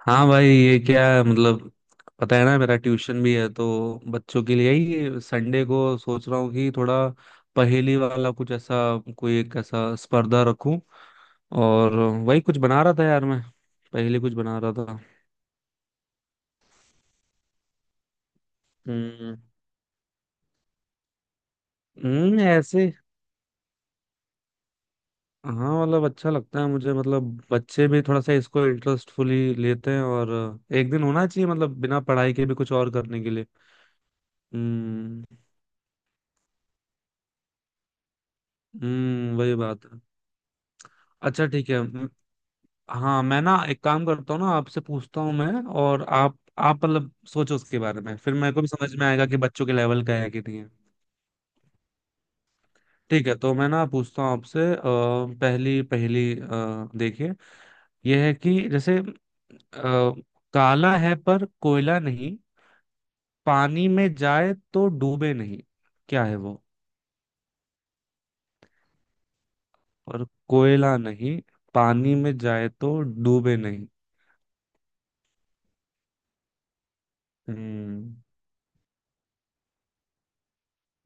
हाँ भाई, ये क्या है, मतलब पता है ना, मेरा ट्यूशन भी है, तो बच्चों के लिए ही संडे को सोच रहा हूँ कि थोड़ा पहेली वाला कुछ ऐसा, कोई एक ऐसा स्पर्धा रखूं। और वही कुछ बना रहा था यार मैं, पहेली कुछ बना रहा था। हम्म। ऐसे। हाँ, मतलब अच्छा लगता है मुझे, मतलब बच्चे भी थोड़ा सा इसको इंटरेस्टफुली लेते हैं, और एक दिन होना चाहिए, मतलब बिना पढ़ाई के भी कुछ और करने के लिए। हम्म वही बात है। अच्छा, ठीक है। हाँ, मैं ना एक काम करता हूँ ना, आपसे पूछता हूँ मैं, और आप मतलब सोचो उसके बारे में, फिर मेरे को भी समझ में आएगा कि बच्चों के लेवल का है कि नहीं है। ठीक है, तो मैं ना पूछता हूँ आपसे, पहली पहली, देखिए, यह है कि जैसे, काला है पर कोयला नहीं, पानी में जाए तो डूबे नहीं, क्या है वो? और कोयला नहीं, पानी में जाए तो डूबे नहीं। हम्म।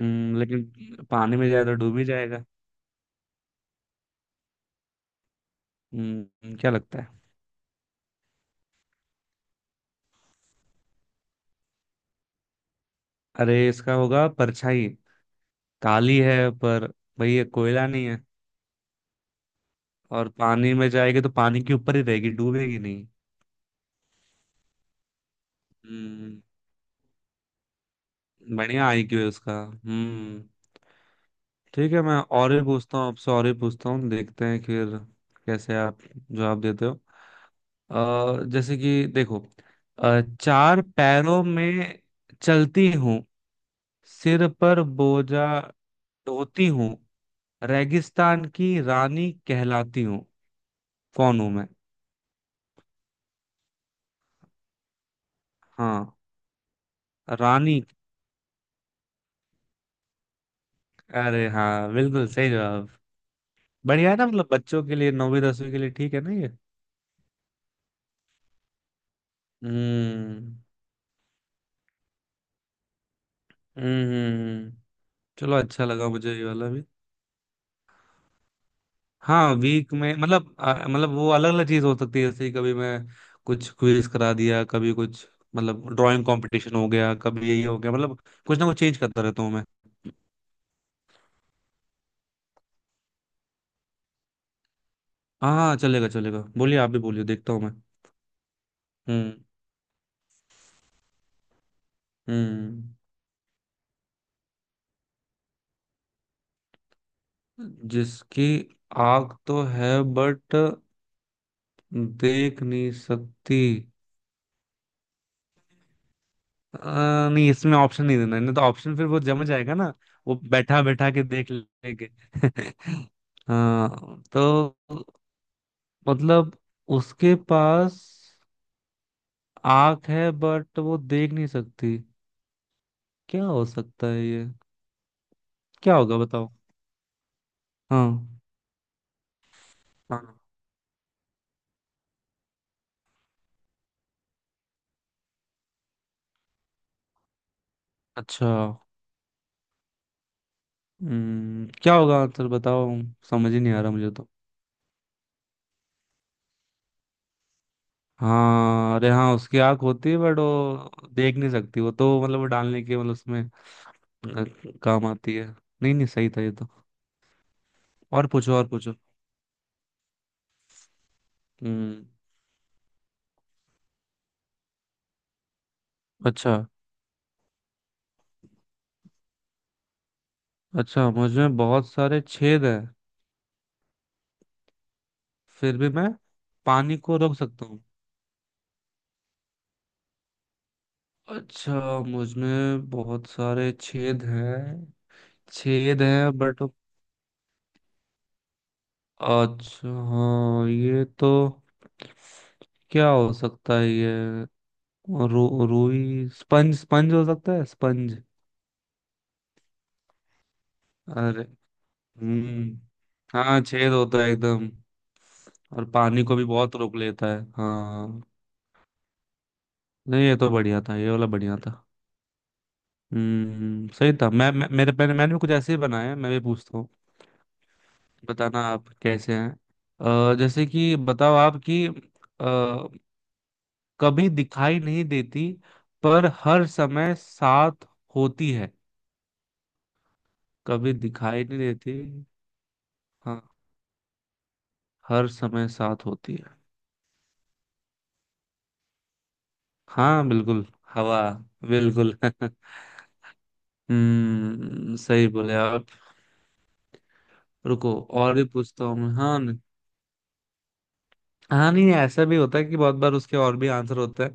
लेकिन पानी में जाए तो डूब ही जाएगा। क्या लगता है? अरे, इसका होगा परछाई। काली है, पर भाई ये कोयला नहीं है, और पानी में जाएगी तो पानी के ऊपर ही रहेगी, डूबेगी नहीं। हम्म। बढ़िया आईक्यू है उसका। हम्म। ठीक है, मैं और भी पूछता हूँ आपसे, और भी पूछता हूँ, देखते हैं फिर कैसे आप जवाब देते हो। जैसे कि देखो, चार पैरों में चलती हूँ, सिर पर बोझा ढोती हूँ, रेगिस्तान की रानी कहलाती हूँ, कौन हूँ मैं? हाँ, रानी। अरे हाँ, बिल्कुल सही जवाब। बढ़िया है ना, मतलब बच्चों के लिए नौवीं 10वीं के लिए ठीक है ना ये। हम्म। हम्म। हम्म। हम्म। चलो, अच्छा लगा मुझे ये वाला भी। हाँ, वीक में मतलब, मतलब वो अलग अलग चीज हो सकती है, जैसे कभी मैं कुछ क्विज करा दिया, कभी कुछ, मतलब ड्राइंग कंपटीशन हो गया, कभी यही हो गया, मतलब कुछ ना कुछ चेंज करता रहता हूँ मैं। हाँ हाँ, चलेगा चलेगा, बोलिए, आप भी बोलिए, देखता हूँ मैं। हम्म। हम्म जिसकी आग तो है, बट देख नहीं सकती? अ, नहीं, इसमें ऑप्शन नहीं देना है, नहीं तो ऑप्शन फिर वो जम जाएगा ना। वो बैठा बैठा के देख लेंगे। हाँ, तो मतलब उसके पास आंख है, बट वो देख नहीं सकती, क्या हो सकता है ये? क्या होगा, बताओ? हाँ हाँ। अच्छा। क्या होगा आंसर, बताओ? समझ ही नहीं आ रहा मुझे तो। हाँ, अरे हाँ, उसकी आंख होती है, बट वो देख नहीं सकती, वो तो मतलब वो डालने के मतलब उसमें अ, काम आती है। नहीं नहीं, सही था ये तो। और पूछो, और पूछो। हम्म। अच्छा। अच्छा, मुझ में बहुत सारे छेद हैं, फिर भी मैं पानी को रोक सकता हूँ। अच्छा, मुझ में बहुत सारे छेद हैं। छेद हैं, बट अच्छा हाँ, ये तो, क्या हो सकता है ये? रू रुई, स्पंज, स्पंज हो सकता है, स्पंज। अरे। हम्म। हाँ, छेद होता है एकदम, और पानी को भी बहुत रोक लेता है, हाँ। नहीं, ये तो बढ़िया था, ये वाला बढ़िया था। हम्म, सही था। मैं मेरे मैंने मैंने भी कुछ ऐसे ही बनाए हैं, मैं भी पूछता हूँ, बताना आप कैसे हैं। जैसे कि बताओ आप कि अ, कभी दिखाई नहीं देती, पर हर समय साथ होती है। कभी दिखाई नहीं देती। हाँ, हर समय साथ होती है। हाँ बिल्कुल। हवा। बिल्कुल। हम्म, सही बोले आप। रुको, और भी पूछता हूँ मैं, हाँ हाँ नहीं, ऐसा भी होता है कि बहुत बार उसके और भी आंसर होते हैं,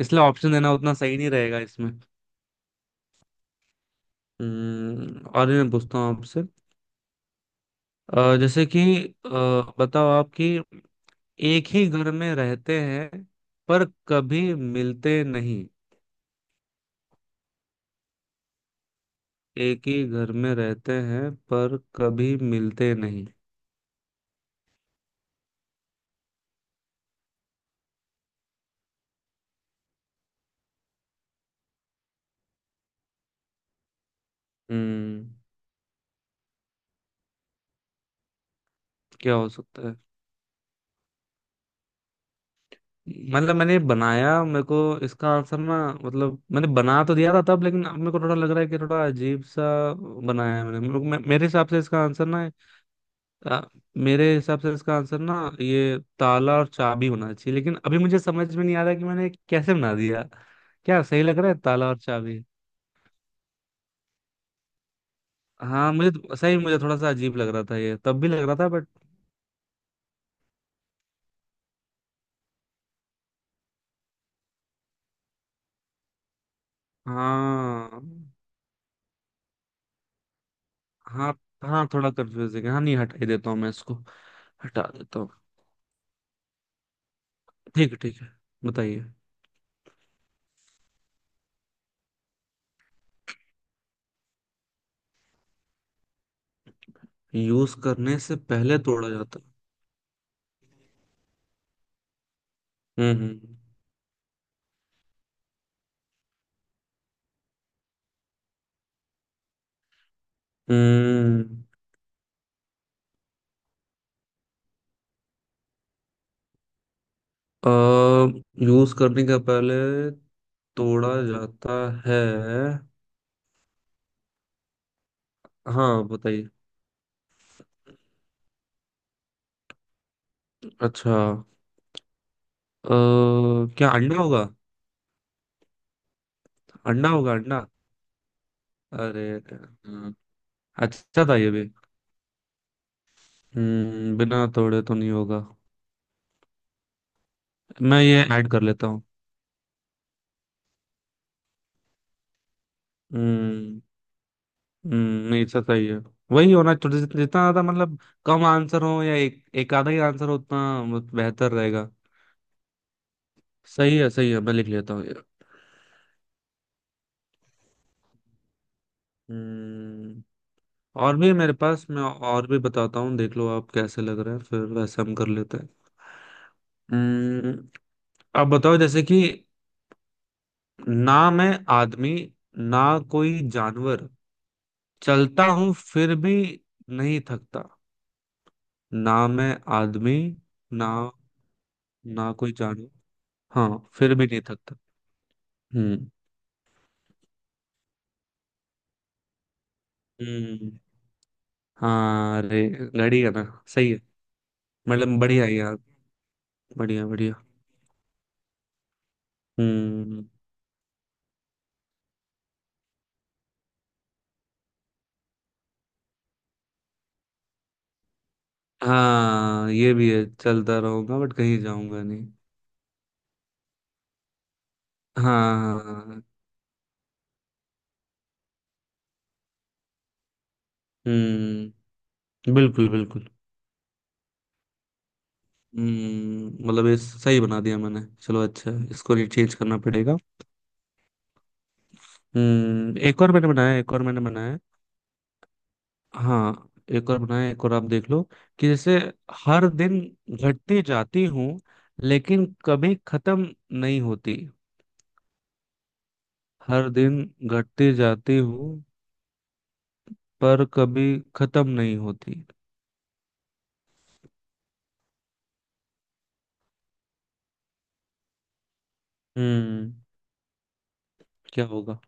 इसलिए ऑप्शन देना उतना सही नहीं रहेगा इसमें। हम्म, और भी मैं पूछता हूँ आपसे, जैसे कि, अ, बताओ आप कि एक ही घर में रहते हैं, पर कभी मिलते नहीं। एक ही घर में रहते हैं, पर कभी मिलते नहीं। हम्म क्या हो सकता है? मतलब मैंने बनाया, मेरे को इसका आंसर ना, मतलब मैंने बना तो दिया था तब, लेकिन अब मेरे को थोड़ा लग रहा है कि थोड़ा अजीब सा बनाया है मैंने। मेरे हिसाब से इसका आंसर ना, अ, मेरे हिसाब से इसका आंसर ना, ये ताला और चाबी होना चाहिए, लेकिन अभी मुझे समझ में नहीं आ रहा कि मैंने कैसे बना दिया। क्या सही लग रहा है, ताला और चाबी? हाँ, सही, मुझे थोड़ा सा अजीब लग रहा था ये, तब भी लग रहा था बट। हाँ हाँ हाँ, थोड़ा कंफ्यूजिंग है, हाँ नहीं, हटा ही देता हूँ मैं इसको। हटा देता हूँ। ठीक है, ठीक है। बताइए। यूज करने से पहले तोड़ा जाता है? हम्म। हम्म। हम्म। यूज करने के पहले तोड़ा जाता है? हाँ बताइए। अच्छा। अ, क्या अंडा होगा? अंडा होगा, अंडा। अरे। हाँ, अच्छा था ये भी। बिना तोड़े तो नहीं होगा। मैं ये ऐड कर लेता हूँ। हम्म। नहीं, अच्छा, सही है। वही होना चाहिए, जितना जितना ज्यादा मतलब कम आंसर हो, या एक एक आधा ही आंसर हो, उतना बेहतर रहेगा। सही है, सही है, मैं लिख लेता हूँ ये। हम्म, और भी है मेरे पास, मैं और भी बताता हूँ, देख लो आप कैसे लग रहे हैं, फिर वैसे हम कर लेते हैं। हम्म, अब बताओ, जैसे कि ना मैं आदमी, ना कोई जानवर, चलता हूँ फिर भी नहीं थकता। ना मैं आदमी, ना ना कोई जानवर। हाँ, फिर भी नहीं थकता। हम्म। हम्म हाँ अरे, घड़ी है ना। सही है। मतलब बढ़िया है यार। बढ़िया बढ़िया। हम्म हाँ, ये भी है, चलता रहूंगा बट कहीं जाऊंगा नहीं। हाँ हाँ, हम्म, बिल्कुल बिल्कुल। मतलब ये सही बना दिया मैंने, चलो अच्छा है, इसको नहीं चेंज करना पड़ेगा। एक और मैंने बनाया, एक और मैंने बनाया। हाँ, एक और बनाया, एक और आप देख लो, कि जैसे हर दिन घटती जाती हूँ, लेकिन कभी खत्म नहीं होती। हर दिन घटती जाती हूँ, पर कभी खत्म नहीं होती। हम्म क्या होगा?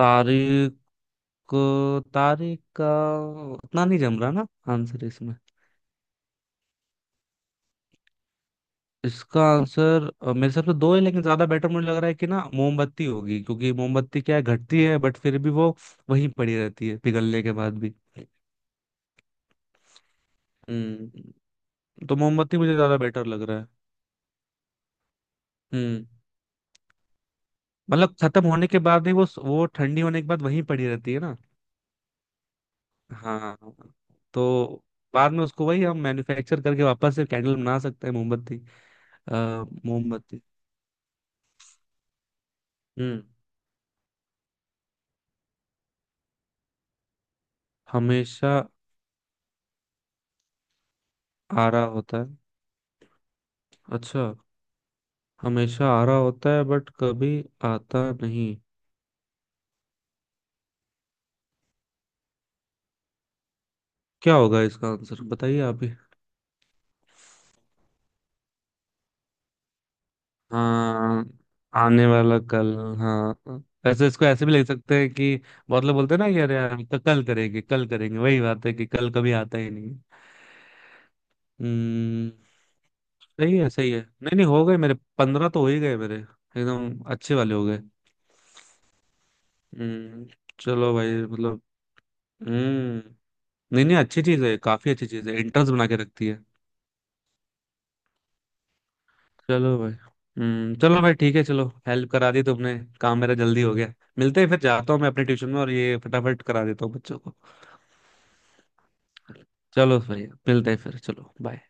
तारीख? तारीख का उतना नहीं जम रहा ना आंसर इसमें। इसका आंसर मेरे हिसाब से दो है, लेकिन ज्यादा बेटर मुझे लग रहा है कि ना मोमबत्ती होगी, क्योंकि मोमबत्ती क्या है, घटती है बट फिर भी वो वहीं पड़ी रहती है, पिघलने के बाद भी। हम्म तो मोमबत्ती मुझे ज्यादा बेटर लग रहा है। हम्म मतलब खत्म होने के बाद भी वो ठंडी होने के बाद वहीं पड़ी रहती है ना। हाँ, तो बाद में उसको वही हम मैन्युफैक्चर करके वापस से कैंडल बना सकते हैं, मोमबत्ती। मोमबत्ती। हम्म। हमेशा आ रहा होता है? अच्छा, हमेशा आ रहा होता है बट कभी आता नहीं। क्या होगा इसका आंसर, बताइए आप ही। हाँ, आने वाला कल, हाँ। ऐसे इसको ऐसे भी लिख सकते हैं कि बहुत लोग बोलते हैं ना कि अरे यार, कल करेंगे, कल करेंगे, वही बात है कि कल कभी आता ही नहीं। हम्म। सही है, सही है, नहीं नहीं, हो गए मेरे, 15 तो हो ही गए मेरे, एकदम अच्छे वाले हो गए। हम्म। चलो भाई, मतलब, हम्म। नहीं नहीं, अच्छी चीज है, काफी अच्छी चीज है, इंटर्न्स बना के रखती है। चलो भाई, हम्म, चलो भाई, ठीक है, चलो, हेल्प करा दी तुमने, काम मेरा जल्दी हो गया। मिलते हैं फिर, जाता हूँ मैं अपने ट्यूशन में, और ये फटाफट करा देता हूँ बच्चों को। चलो भाई, मिलते हैं फिर, चलो बाय।